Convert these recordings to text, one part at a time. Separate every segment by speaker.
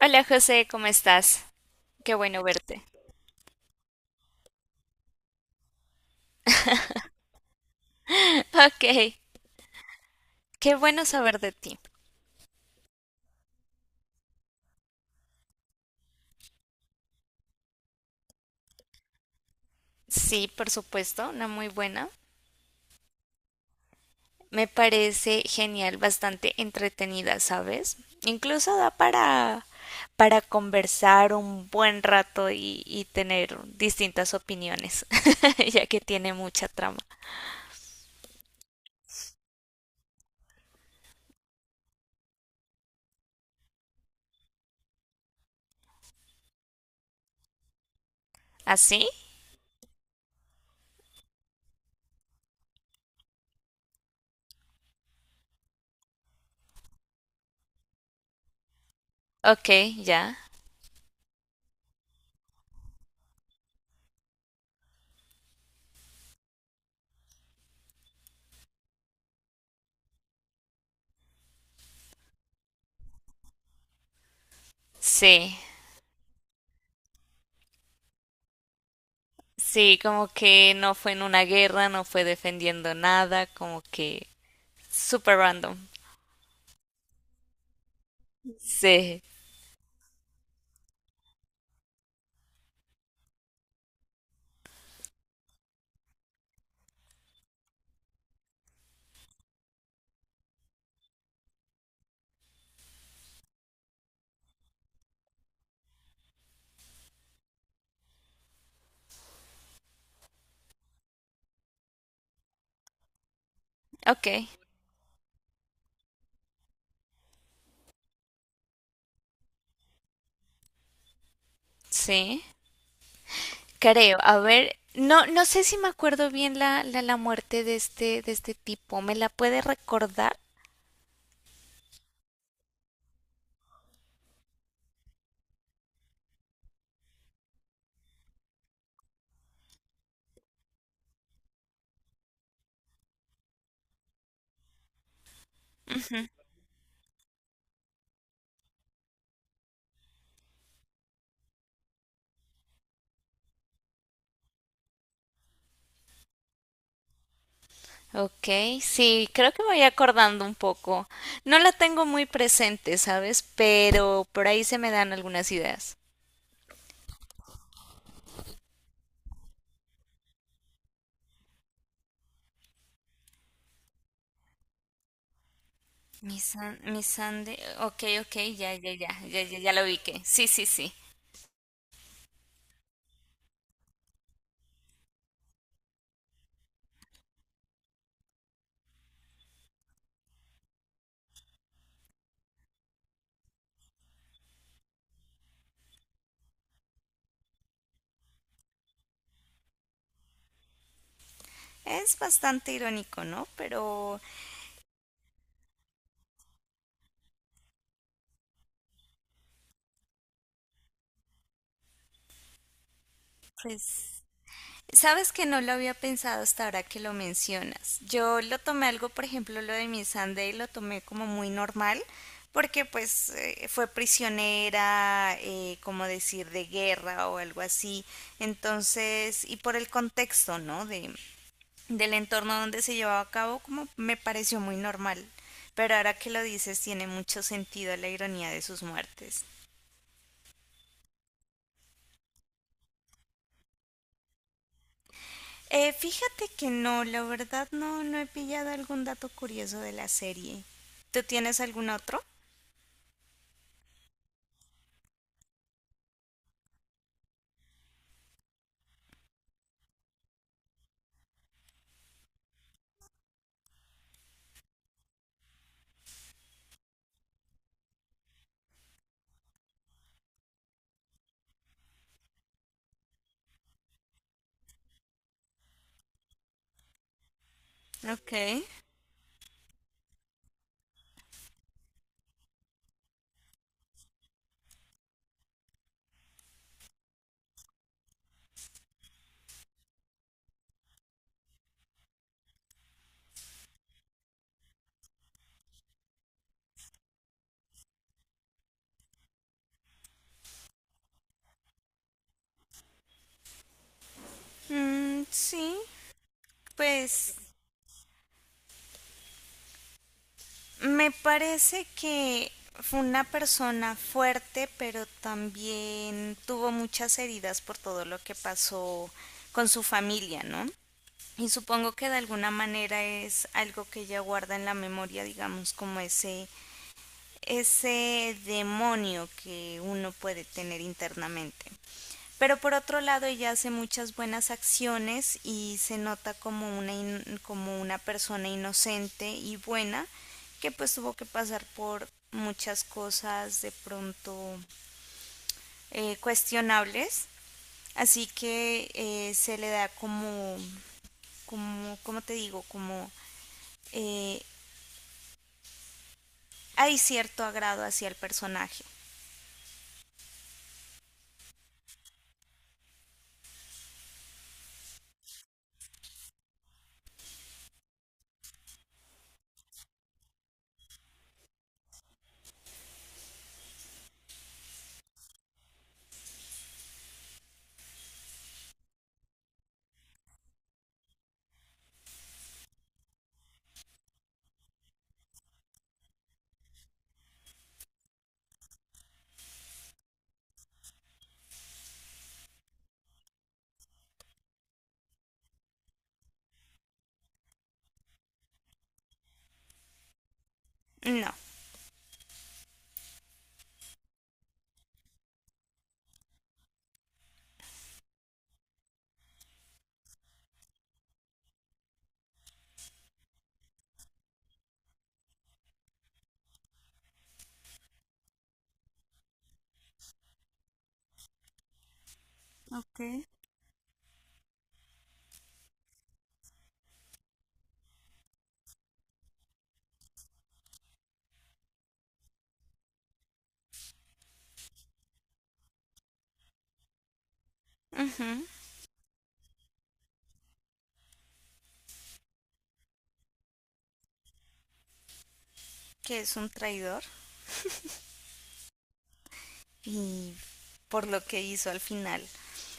Speaker 1: Hola José, ¿cómo estás? Qué bueno verte. Ok, qué bueno saber de ti. Sí, por supuesto, una muy buena. Me parece genial, bastante entretenida, ¿sabes? Incluso da para conversar un buen rato y tener distintas opiniones, ya que tiene mucha trama. ¿Así? Ok, ya. Sí, sí, como que no fue en una guerra, no fue defendiendo nada, como que super random. Sí. Ok, sí, creo. A ver, no, no sé si me acuerdo bien la muerte de este tipo. ¿Me la puede recordar? Ok, sí, creo que me voy acordando un poco. No la tengo muy presente, ¿sabes? Pero por ahí se me dan algunas ideas. Mi san, mi sande, ok, ok, ya, ya, ya, ya, ya, ya lo ubiqué. Sí, sí, sí. Es bastante irónico, ¿no? Pero, pues sabes que no lo había pensado hasta ahora que lo mencionas. Yo lo tomé algo, por ejemplo, lo de mi Sunday, lo tomé como muy normal, porque pues fue prisionera, como decir, de guerra o algo así. Entonces, y por el contexto, ¿no? De, del entorno donde se llevaba a cabo, como me pareció muy normal. Pero ahora que lo dices, tiene mucho sentido la ironía de sus muertes. Fíjate que no, la verdad no, no he pillado algún dato curioso de la serie. ¿Tú tienes algún otro? Ok. Mm, sí, pues me parece que fue una persona fuerte, pero también tuvo muchas heridas por todo lo que pasó con su familia, ¿no? Y supongo que de alguna manera es algo que ella guarda en la memoria, digamos, como ese demonio que uno puede tener internamente. Pero por otro lado ella hace muchas buenas acciones y se nota como una, in- como una persona inocente y buena que pues tuvo que pasar por muchas cosas de pronto cuestionables. Así que se le da como, como, ¿cómo te digo? Como eh, hay cierto agrado hacia el personaje. No. Okay. Ujú. Que es un traidor y por lo que hizo al final.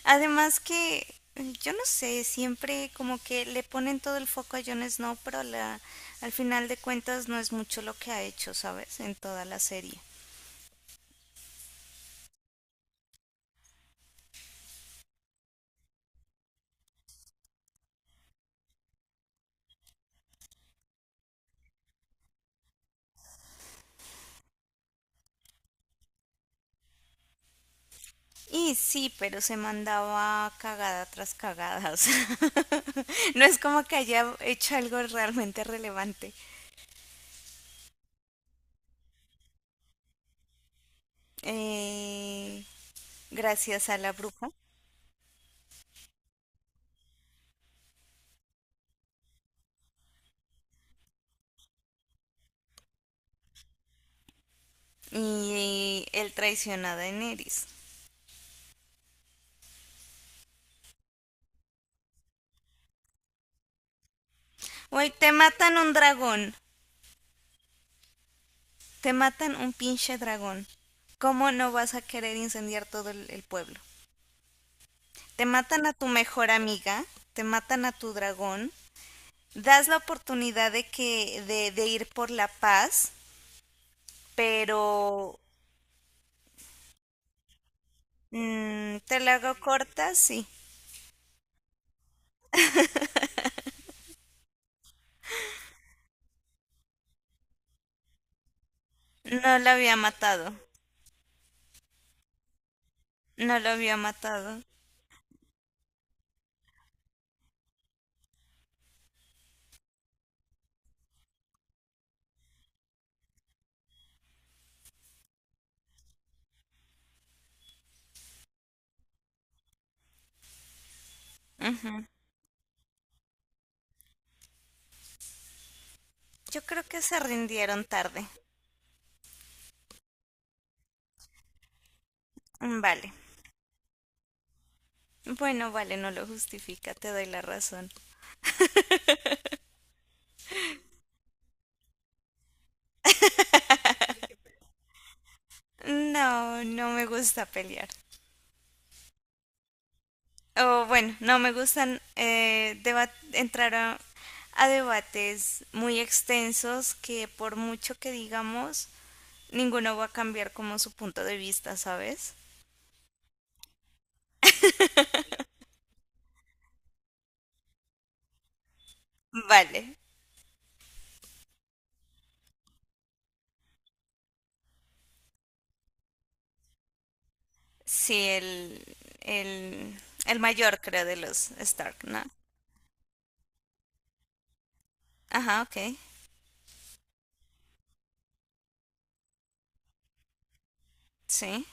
Speaker 1: Además que mm, yo no sé, siempre como que le ponen todo el foco a Jon Snow, pero la, al final de cuentas no es mucho lo que ha hecho, ¿sabes? En toda la serie. Y sí, pero se mandaba cagada tras cagada. O sea, no es como que haya hecho algo realmente relevante. Eh, Gracias a la bruja. Y el traiciona a Daenerys. Güey, te matan un dragón. Te matan un pinche dragón. ¿Cómo no vas a querer incendiar todo el pueblo? Te matan a tu mejor amiga, te matan a tu dragón, das la oportunidad de que de ir por la paz, pero mm, te la hago corta, sí. No lo había matado, no lo había matado. Ujú. Yo creo que se rindieron tarde. Mm, vale. Bueno, vale, no lo justifica, te doy la razón. No, no me gusta pelear. O bueno, no me gustan deba- entrar a debates muy extensos que por mucho que digamos, ninguno va a cambiar como su punto de vista, ¿sabes? Vale, sí, el, el mayor creo de los Stark, ¿no? Ajá, ok, sí,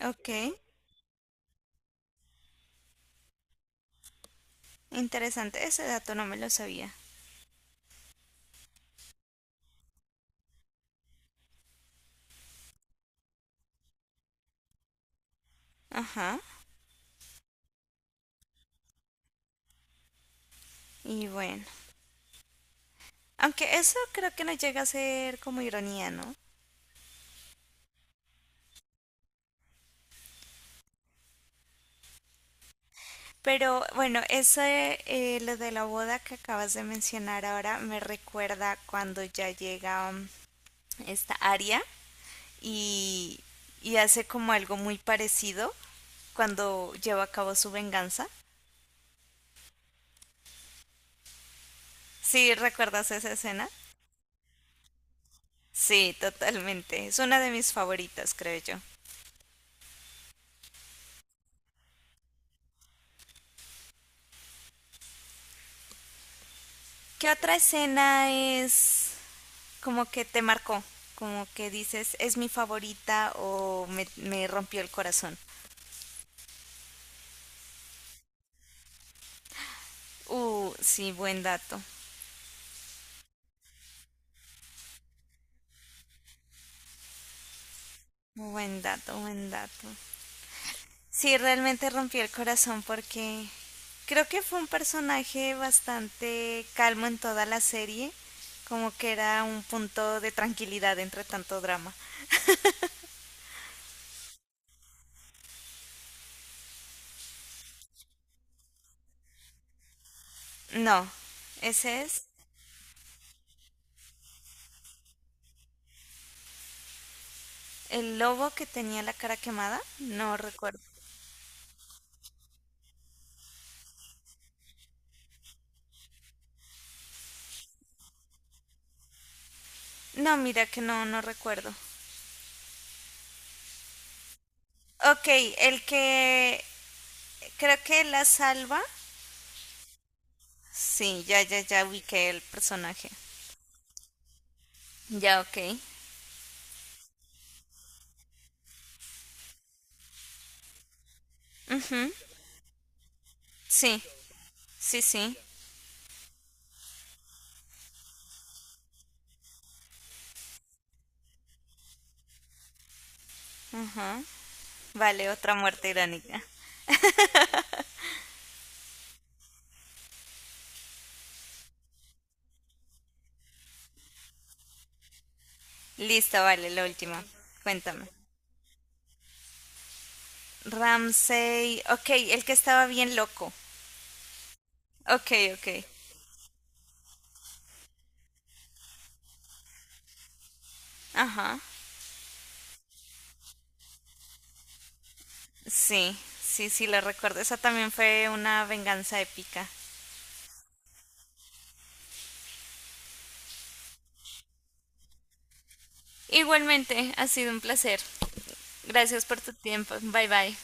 Speaker 1: ok, interesante, ese dato no me lo sabía. Ajá, y bueno, aunque eso creo que no llega a ser como ironía, ¿no? Pero bueno, eso lo de la boda que acabas de mencionar ahora me recuerda cuando ya llega mm, esta Aria y, y hace como algo muy parecido cuando lleva a cabo su venganza. ¿Sí recuerdas esa escena? Sí, totalmente. Es una de mis favoritas, creo yo. ¿Qué otra escena es como que te marcó? Como que dices, es mi favorita o me rompió el corazón. Sí, buen dato. Buen dato, buen dato. Sí, realmente rompió el corazón porque creo que fue un personaje bastante calmo en toda la serie, como que era un punto de tranquilidad entre tanto drama. No, ese es el lobo que tenía la cara quemada, no recuerdo. No, mira que no, no recuerdo. Ok, el que creo que la salva. Sí, ya, ya, ya ubiqué el personaje. Ya, ok. Ujú, sí, sí, sí. Ajá. Vale, otra muerte irónica. Listo, vale, la última. Cuéntame. Ramsey. Ok, el que estaba bien loco. Ok, ok. Ajá. Sí, sí, sí, lo recuerdo. Esa también fue una venganza épica. Igualmente, ha sido un placer. Gracias por tu tiempo. Bye bye.